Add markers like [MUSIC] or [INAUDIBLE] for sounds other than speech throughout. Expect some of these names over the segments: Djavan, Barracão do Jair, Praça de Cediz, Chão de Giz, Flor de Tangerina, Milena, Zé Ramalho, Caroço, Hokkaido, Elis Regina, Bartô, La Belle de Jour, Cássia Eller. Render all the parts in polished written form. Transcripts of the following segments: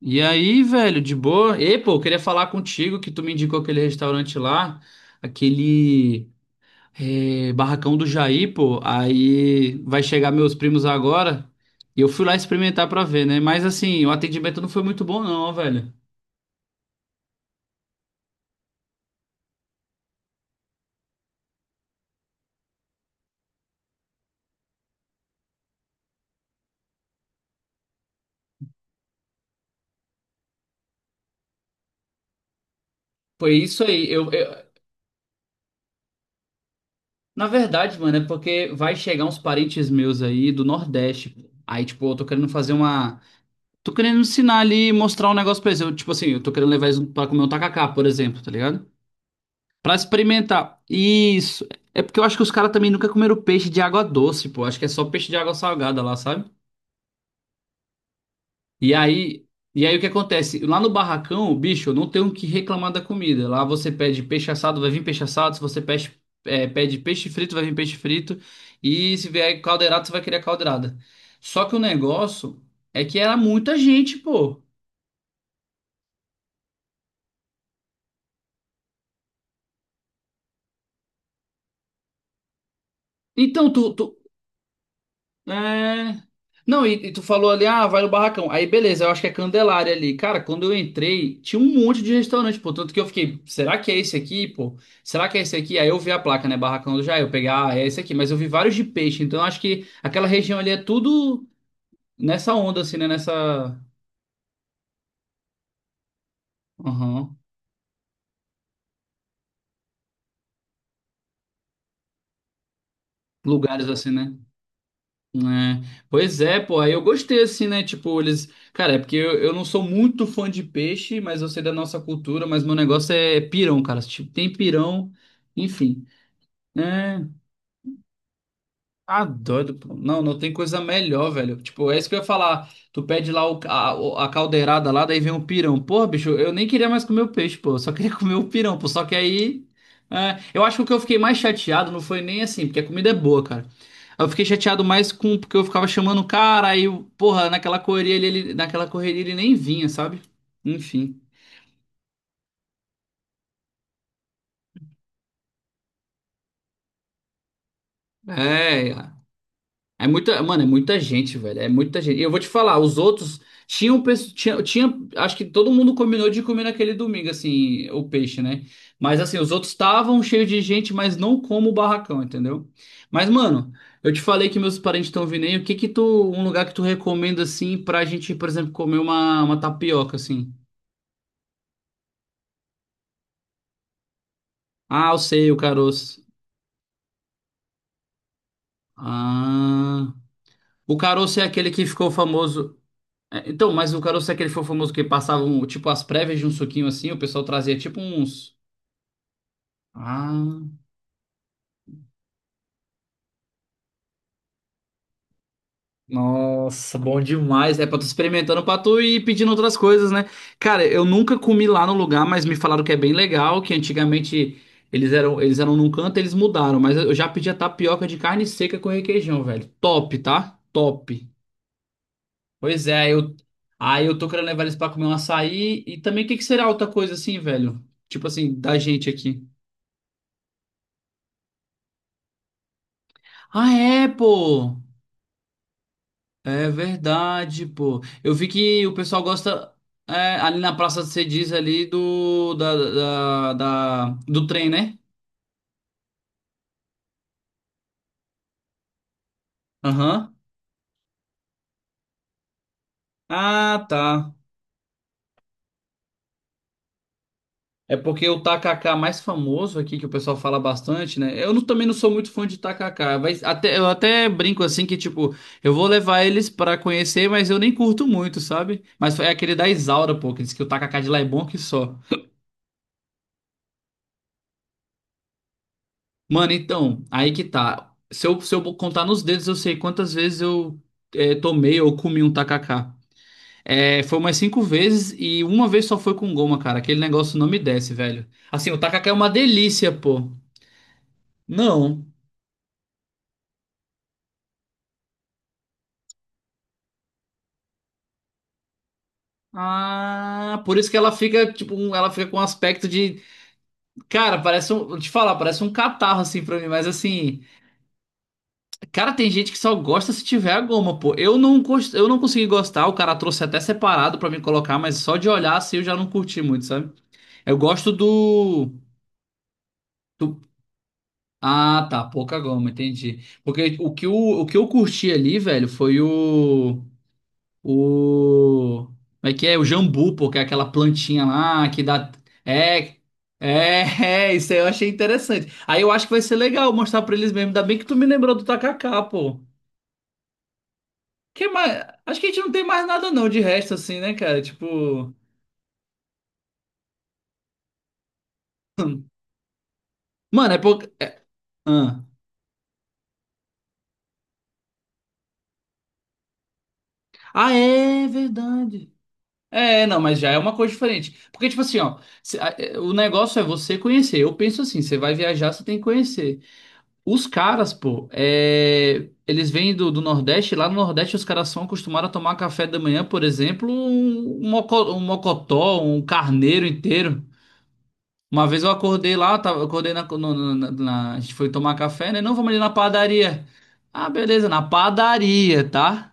E aí, velho, de boa? E, pô, eu queria falar contigo que tu me indicou aquele restaurante lá, aquele barracão do Jair, pô. Aí vai chegar meus primos agora e eu fui lá experimentar pra ver, né? Mas assim, o atendimento não foi muito bom, não, velho. Foi isso aí. Na verdade, mano, é porque vai chegar uns parentes meus aí do Nordeste, pô. Aí, tipo, eu tô querendo fazer uma. Tô querendo ensinar ali, mostrar um negócio pra eles. Eu, tipo assim, eu tô querendo levar eles pra comer um tacacá, por exemplo, tá ligado? Pra experimentar. Isso. É porque eu acho que os caras também nunca comeram peixe de água doce, pô. Acho que é só peixe de água salgada lá, sabe? E aí, e aí, o que acontece? Lá no barracão, bicho, eu não tenho o que reclamar da comida. Lá você pede peixe assado, vai vir peixe assado. Se você pede, pede peixe frito, vai vir peixe frito. E se vier caldeirada, você vai querer a caldeirada. Só que o negócio é que era muita gente, pô. Então, É. Não, e tu falou ali, ah, vai no barracão. Aí, beleza, eu acho que é Candelária ali. Cara, quando eu entrei, tinha um monte de restaurante, pô. Tanto que eu fiquei, será que é esse aqui, pô? Será que é esse aqui? Aí eu vi a placa, né? Barracão do Jair. Eu peguei, ah, é esse aqui. Mas eu vi vários de peixe. Então eu acho que aquela região ali é tudo nessa onda, assim, né? Nessa. Aham. Lugares assim, né? Pois é, pô, aí eu gostei assim, né? Tipo, eles. Cara, é porque eu não sou muito fã de peixe, mas eu sei da nossa cultura, mas meu negócio é pirão, cara. Tipo, tem pirão, enfim, né? Ah, doido, pô. Não, não tem coisa melhor, velho. Tipo, é isso que eu ia falar. Tu pede lá a caldeirada lá, daí vem um pirão. Porra, bicho, eu nem queria mais comer o peixe, pô. Eu só queria [LAUGHS] comer o pirão, pô. Só que aí. Eu acho que o que eu fiquei mais chateado não foi nem assim, porque a comida é boa, cara. Eu fiquei chateado mais com porque eu ficava chamando o cara, aí, porra, naquela correria naquela correria ele nem vinha, sabe? Enfim. É. É muita, mano, é muita gente, velho. É muita gente. E eu vou te falar, os outros tinham, acho que todo mundo combinou de comer naquele domingo, assim, o peixe, né? Mas assim, os outros estavam cheios de gente, mas não como o barracão, entendeu? Mas, mano, eu te falei que meus parentes estão vindo aí. O que que tu, um lugar que tu recomenda, assim, pra gente, por exemplo, comer uma tapioca, assim? Ah, eu sei, o caroço. Ah, o caroço é aquele que ficou famoso. É, então, mas o Caroço é aquele foi famoso que passavam, tipo, as prévias de um suquinho assim, o pessoal trazia tipo uns. Ah, nossa, bom demais. É pra tu experimentando pra tu ir pedindo outras coisas, né? Cara, eu nunca comi lá no lugar, mas me falaram que é bem legal, que antigamente eles eram num canto, eles mudaram, mas eu já pedi a tapioca de carne seca com requeijão, velho. Top, tá? Top. Pois é, eu aí eu tô querendo levar eles pra comer um açaí e também o que que será outra coisa assim, velho? Tipo assim, da gente aqui. Ah, é, pô. É verdade, pô. Eu vi que o pessoal gosta ali na Praça de Cediz ali do do trem, né? Aham. Ah, tá. É porque o tacacá mais famoso aqui que o pessoal fala bastante, né? Eu não- também não sou muito fã de tacacá, mas até brinco assim que tipo, eu vou levar eles pra conhecer, mas eu nem curto muito, sabe? Mas é aquele da Isaura, pô, que diz que o tacacá de lá é bom que só. Mano, então, aí que tá. Se eu contar nos dedos, eu sei quantas vezes eu tomei ou comi um tacacá. É, foi umas cinco vezes e uma vez só foi com goma, cara. Aquele negócio não me desce, velho. Assim, o tacacá é uma delícia, pô. Não. Ah, por isso que ela fica, tipo, um- ela fica com um aspecto de. Cara, parece um. Vou te falar, parece um catarro, assim, pra mim, mas assim. Cara, tem gente que só gosta se tiver a goma, pô. Eu não, eu não consegui gostar, o cara trouxe até separado pra mim colocar, mas só de olhar assim eu já não curti muito, sabe? Eu gosto do. Ah, tá, pouca goma, entendi. Porque o que eu curti ali, velho, foi o. O. Como é que é? O jambu, pô, que é aquela plantinha lá que dá. É... [LAUGHS] isso aí eu achei interessante. Aí eu acho que vai ser legal mostrar pra eles mesmo. Ainda bem que tu me lembrou do tacacá, pô. Que mais? Acho que a gente não tem mais nada não de resto assim, né, cara? Tipo, mano, é pouco. Ah. Ah, é verdade. É, não, mas já é uma coisa diferente. Porque, tipo assim, ó, o negócio é você conhecer. Eu penso assim, você vai viajar, você tem que conhecer. Os caras, pô, eles vêm do Nordeste, lá no Nordeste os caras são acostumados a tomar café da manhã, por exemplo, um, um mocotó, um carneiro inteiro. Uma vez eu acordei lá, eu acordei na, no- no- na- na- A gente foi tomar café, né? Não, vamos ali na padaria. Ah, beleza, na padaria, tá?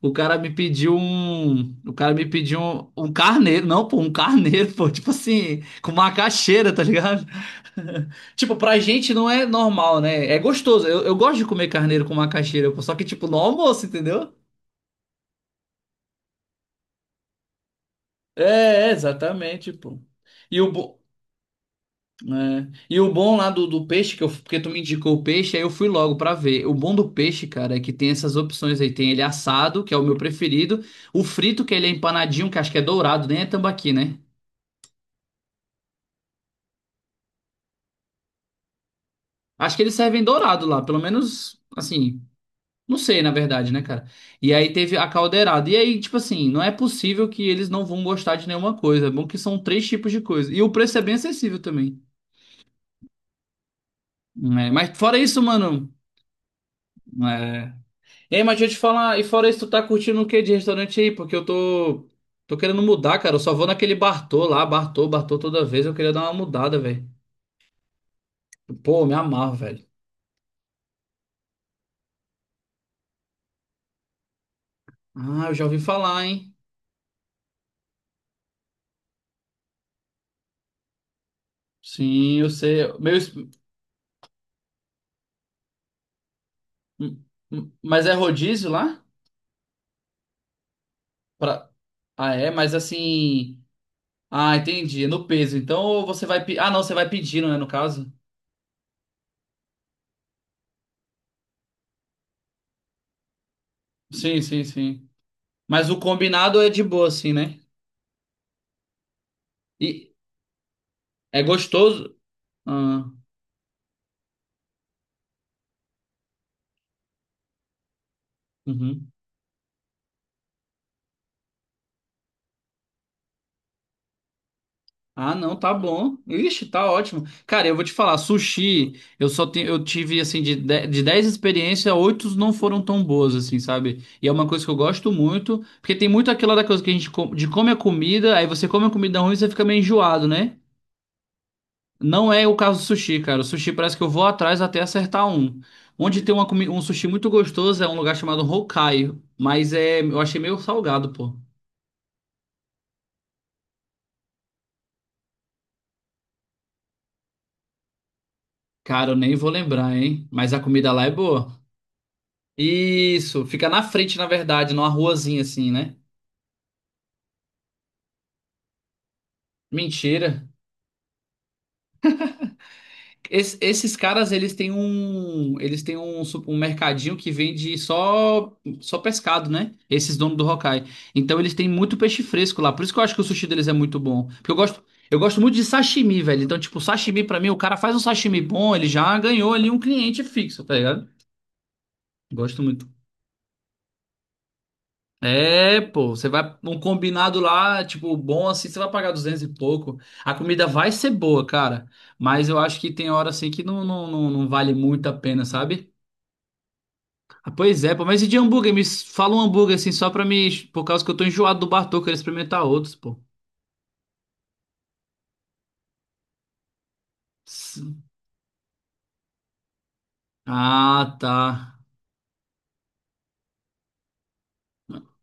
O cara me pediu um. O cara me pediu um carneiro. Não, pô, um carneiro, [LAUGHS] pô. Tipo assim, com macaxeira, tá ligado? [LAUGHS] Tipo, pra gente não é normal, né? É gostoso. Eu gosto de comer carneiro com macaxeira, pô. Só que, tipo, no almoço, entendeu? É, é, exatamente, pô. E o, bo- É. E o bom lá do peixe, porque tu me indicou o peixe, aí eu fui logo pra ver. O bom do peixe, cara, é que tem essas opções aí. Tem ele assado, que é o meu preferido. O frito, que ele é empanadinho, que acho que é dourado, nem é tambaqui, né? Acho que eles servem dourado lá, pelo menos, assim, não sei, na verdade, né, cara? E aí teve a caldeirada. E aí, tipo assim, não é possível que eles não vão gostar de nenhuma coisa. É bom que são três tipos de coisa. E o preço é bem acessível também. É, mas fora isso, mano. é, Ei, mas deixa eu te falar, e fora isso, tu tá curtindo o quê de restaurante aí? Porque eu tô. Tô querendo mudar, cara. Eu só vou naquele Bartô lá, Bartô, Bartô toda vez. Eu queria dar uma mudada, velho. Pô, me amarro, velho. Ah, eu já ouvi falar, hein? Sim, eu sei. Meu... es- m- m- Mas é rodízio lá? Pra. Ah, é? Mas assim. Ah, entendi. É no peso. Então ou você vai. Ah, não, você vai pedindo, né? No caso. Sim, sim, sim. Mas o combinado é de boa, assim, né? E é gostoso. Ah, uhum. Ah, não, tá bom. Ixi, tá ótimo. Cara, eu vou te falar, sushi, eu tive assim de 10 experiências, oito não foram tão boas assim, sabe? E é uma coisa que eu gosto muito, porque tem muito aquela da coisa que a gente com- de come a comida, aí você come a comida ruim e você fica meio enjoado, né? Não é o caso do sushi, cara. O sushi parece que eu vou atrás até acertar um. Onde tem um sushi muito gostoso é um lugar chamado Hokkaido, mas eu achei meio salgado, pô. Cara, eu nem vou lembrar, hein? Mas a comida lá é boa. Isso, fica na frente, na verdade, numa ruazinha assim, né? Mentira. Esses caras, eles têm um, eles têm um mercadinho que vende só pescado, né? Esses donos do Hokkai. Então eles têm muito peixe fresco lá. Por isso que eu acho que o sushi deles é muito bom. Porque eu gosto muito de sashimi, velho. Então, tipo, sashimi pra mim, o cara faz um sashimi bom, ele já ganhou ali um cliente fixo, tá ligado? Gosto muito. É, pô, você vai um combinado lá, tipo, bom assim, você vai pagar 200 e pouco. A comida vai ser boa, cara, mas eu acho que tem hora assim que não, não, não, não vale muito a pena, sabe? Ah, pois é, pô, mas e de hambúrguer? Me fala um hambúrguer assim só pra mim, por causa que eu tô enjoado do Bartô, eu quero experimentar outros, pô. S- Ah, tá.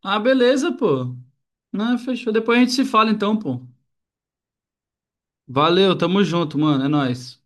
Ah, beleza, pô. Não, fechou. Depois a gente se fala então, pô. Valeu, tamo junto, mano, é nóis.